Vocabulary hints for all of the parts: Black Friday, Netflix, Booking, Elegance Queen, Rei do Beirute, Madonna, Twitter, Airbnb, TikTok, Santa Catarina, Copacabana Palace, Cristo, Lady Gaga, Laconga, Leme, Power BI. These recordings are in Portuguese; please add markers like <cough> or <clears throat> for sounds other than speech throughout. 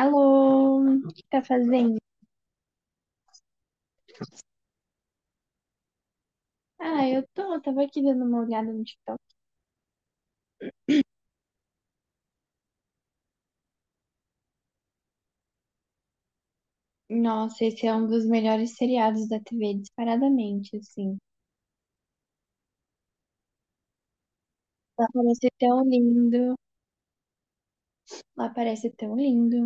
Alô, o que tá fazendo? Ah, eu tava aqui dando uma olhada no TikTok. Nossa, esse é um dos melhores seriados da TV, disparadamente, assim. Lá parece tão lindo, lá parece tão lindo.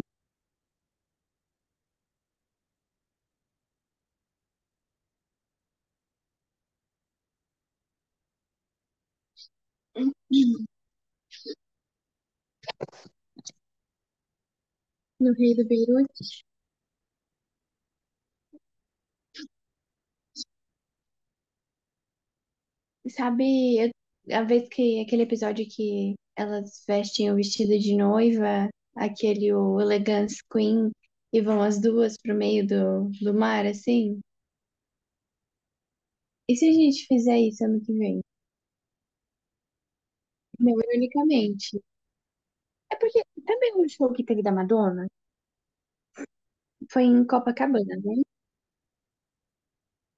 <clears throat> No Rei do Beirute. Sabe, a vez que aquele episódio que elas vestem o vestido de noiva, aquele o Elegance Queen, e vão as duas pro meio do mar, assim? E se a gente fizer isso ano que vem? Não, ironicamente. É porque também o show que teve da Madonna foi em Copacabana, né?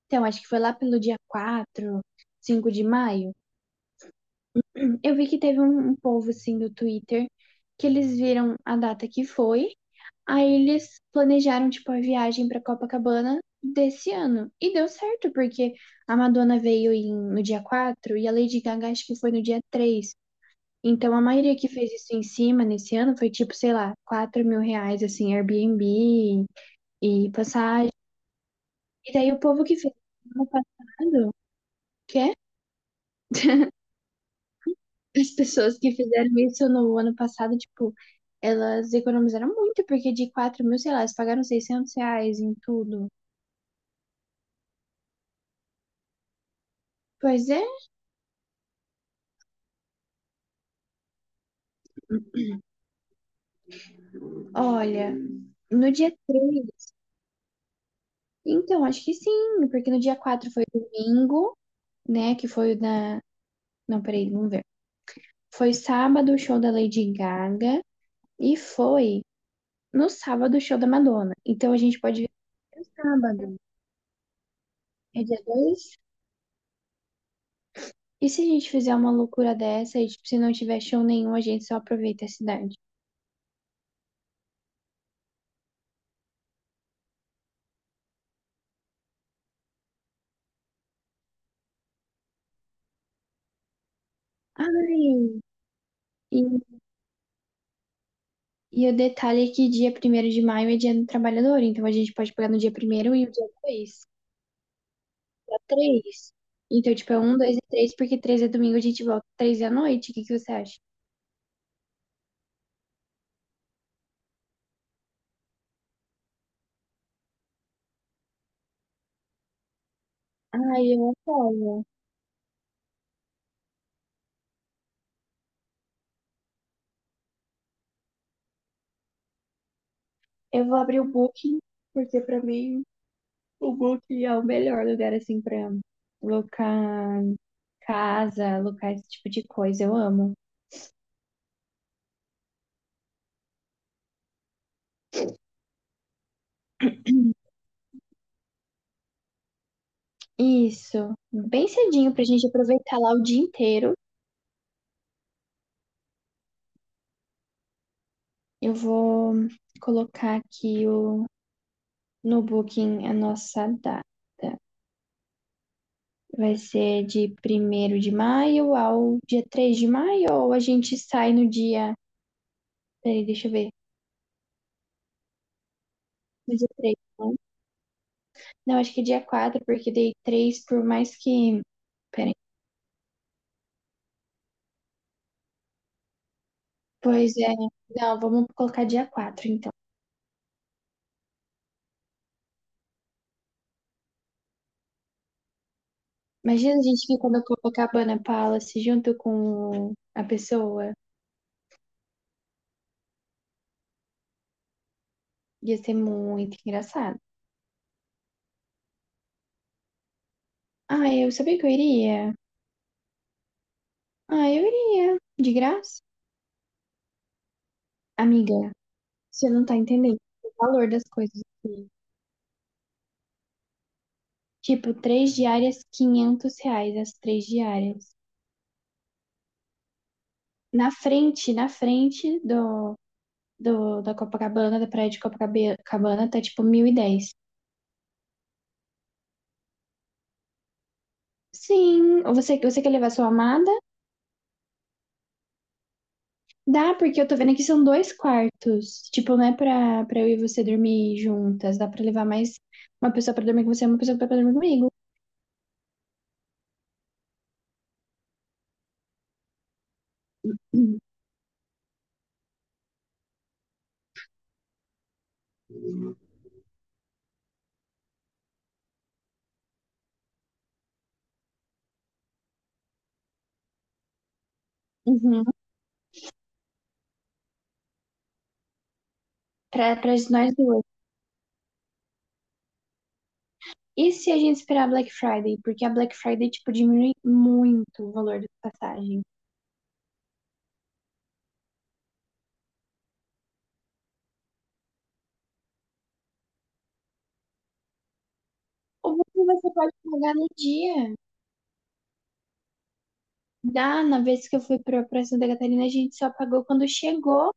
Então, acho que foi lá pelo dia 4, 5 de maio. Eu vi que teve um povo, assim, do Twitter, que eles viram a data que foi, aí eles planejaram, tipo, a viagem pra Copacabana desse ano. E deu certo, porque a Madonna veio no dia 4 e a Lady Gaga acho que foi no dia 3. Então, a maioria que fez isso em cima nesse ano foi, tipo, sei lá, R$ 4.000, assim, Airbnb e passagem. E daí o povo que fez no ano passado, que é? As pessoas que fizeram isso no ano passado, tipo, elas economizaram muito, porque de 4.000, sei lá, elas pagaram R$ 600 em tudo. Pois é, olha, no dia 3. Então, acho que sim, porque no dia 4 foi domingo, né, que foi o da... Não, peraí, vamos ver. Foi sábado o show da Lady Gaga e foi no sábado o show da Madonna. Então a gente pode ver no sábado. É dia 2. E se a gente fizer uma loucura dessa e, tipo, se não tiver show nenhum, a gente só aproveita a cidade? Ai, e, e o detalhe é que dia primeiro de maio é dia do trabalhador, então a gente pode pegar no dia primeiro e o dia 2 dá 3. Então, tipo, é 1, 2 e três porque 3 é domingo, a gente volta 3 da noite. O que que você acha? Ai, eu apoio. Eu vou abrir o Booking, porque pra mim o Booking é o melhor lugar, assim, pra alocar casa, alocar esse tipo de coisa. Eu amo. Isso, bem cedinho pra gente aproveitar lá o dia inteiro. Eu vou colocar aqui no Booking a nossa data. Vai ser de primeiro de maio ao dia 3 de maio, ou a gente sai no dia. Peraí, deixa eu ver. No dia 3, não? Não, acho que é dia 4 porque dei 3 por mais que. Peraí. Pois é. Não, vamos colocar dia 4 então. Imagina a gente ficando com a Copacabana Palace junto com a pessoa. Ia ser muito engraçado. Ah, eu sabia que eu iria. Ah, eu iria. De graça. Amiga, você não tá entendendo o valor das coisas aqui. Tipo, três diárias, R$ 500 as três diárias. Na frente do da Copacabana, da praia de Copacabana, tá tipo 1.010. Sim, você quer levar sua amada? Dá, porque eu tô vendo aqui são dois quartos. Tipo, não é pra eu e você dormir juntas. Dá pra levar mais uma pessoa pra dormir com você e uma pessoa pra dormir comigo. Uhum. Uhum. Pra nós duas. E se a gente esperar a Black Friday? Porque a Black Friday, tipo, diminui muito o valor das passagens. Ou você pode pagar no dia. Na vez que eu fui pra Santa Catarina, a gente só pagou quando chegou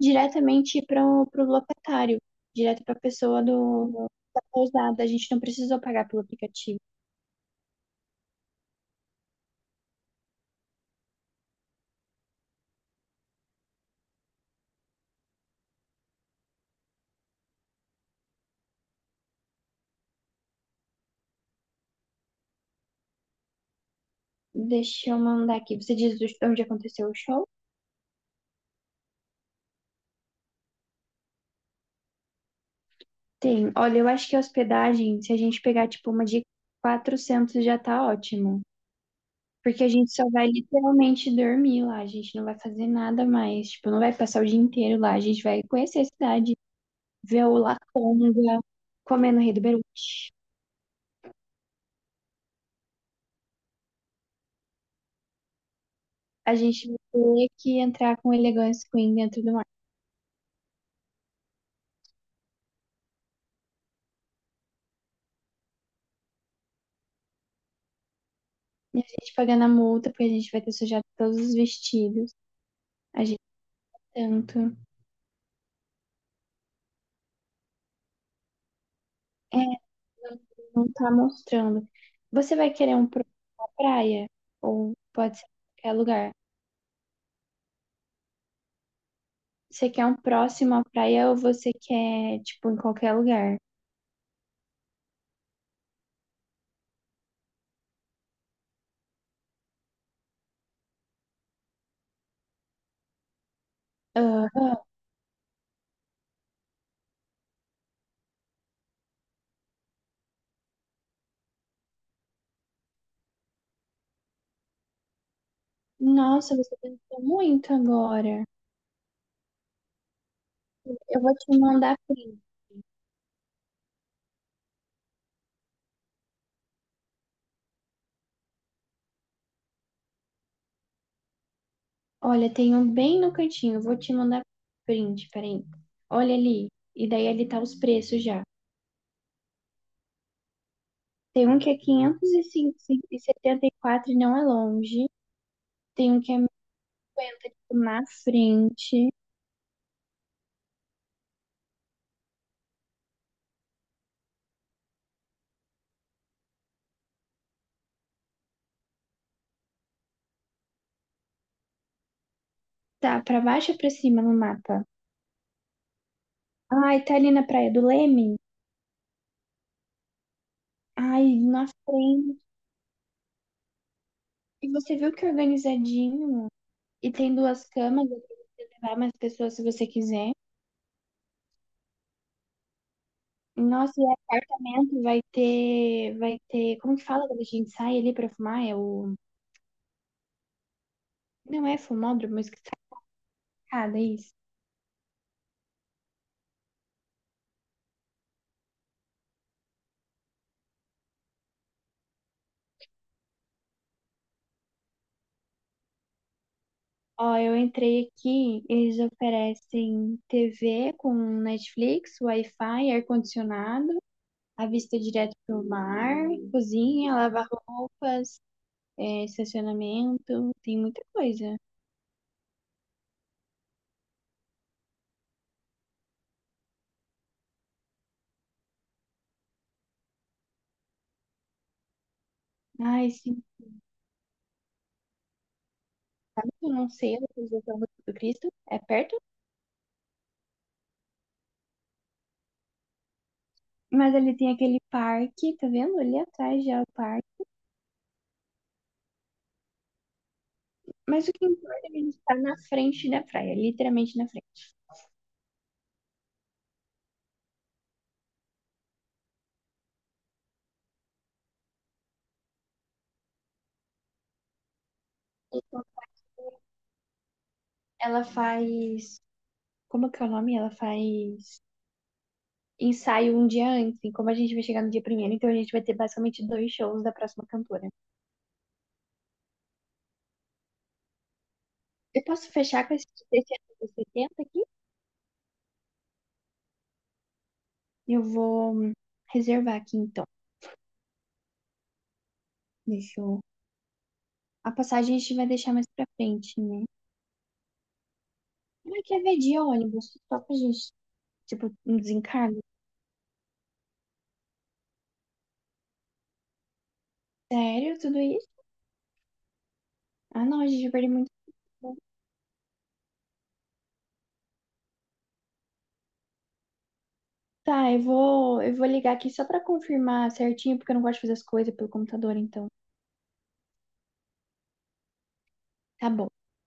diretamente para o locatário, direto para a pessoa da pousada. A gente não precisou pagar pelo aplicativo. Deixa eu mandar aqui. Você diz onde aconteceu o show? Tem. Olha, eu acho que a hospedagem, se a gente pegar tipo uma de 400 já tá ótimo. Porque a gente só vai literalmente dormir lá, a gente não vai fazer nada mais. Tipo, não vai passar o dia inteiro lá, a gente vai conhecer a cidade. Ver o Laconga comendo o Rei do Beirute. A gente vai ter que entrar com o Elegance Queen dentro do mar. E a gente pagando a multa, porque a gente vai ter sujado todos os vestidos. A gente tanto. É, não tá mostrando. Você vai querer um próximo à praia? Ou pode ser em qualquer lugar? Você quer um próximo à praia ou você quer, tipo, em qualquer lugar? Aham. Nossa, você pensou muito agora. Eu vou te mandar print. Olha, tem um bem no cantinho. Vou te mandar print, peraí. Olha ali. E daí ali tá os preços já. Tem um que é 574 e setenta e quatro e não é longe. Tem um que é na frente. Tá, pra baixo ou pra cima no mapa? Ai, tá ali na Praia do Leme? Ai, na frente. E você viu que é organizadinho? E tem duas camas, dá pra levar mais pessoas se você quiser. Nossa, e apartamento vai ter, como que fala quando a gente sai ali pra fumar? É o. Não é fumódromo, mas que sacada isso. Ó, eu entrei aqui, eles oferecem TV com Netflix, Wi-Fi, ar-condicionado, a vista direto pro mar, cozinha, lavar roupas, é, estacionamento, tem muita coisa. Ai, sim, sabe que eu não sei a localização do Cristo? É perto? Mas ali tem aquele parque, tá vendo? Ali atrás já é o parque. Mas o que importa é que a gente tá na frente da praia, literalmente na frente. Então, Ela faz como que é o nome? Ela faz ensaio um dia antes. E como a gente vai chegar no dia primeiro, então a gente vai ter basicamente dois shows da próxima cantora. Eu posso fechar com esse desse ano 70 aqui? Eu vou reservar aqui então. Deixa eu... A passagem a gente vai deixar mais pra frente, né? Ah, quer ver de ônibus? Só pra gente, tipo, um desencargo? Sério, tudo isso? Ah, não, a gente vai perder muito tempo. Tá, eu vou ligar aqui só pra confirmar certinho, porque eu não gosto de fazer as coisas pelo computador, então. Tá bom.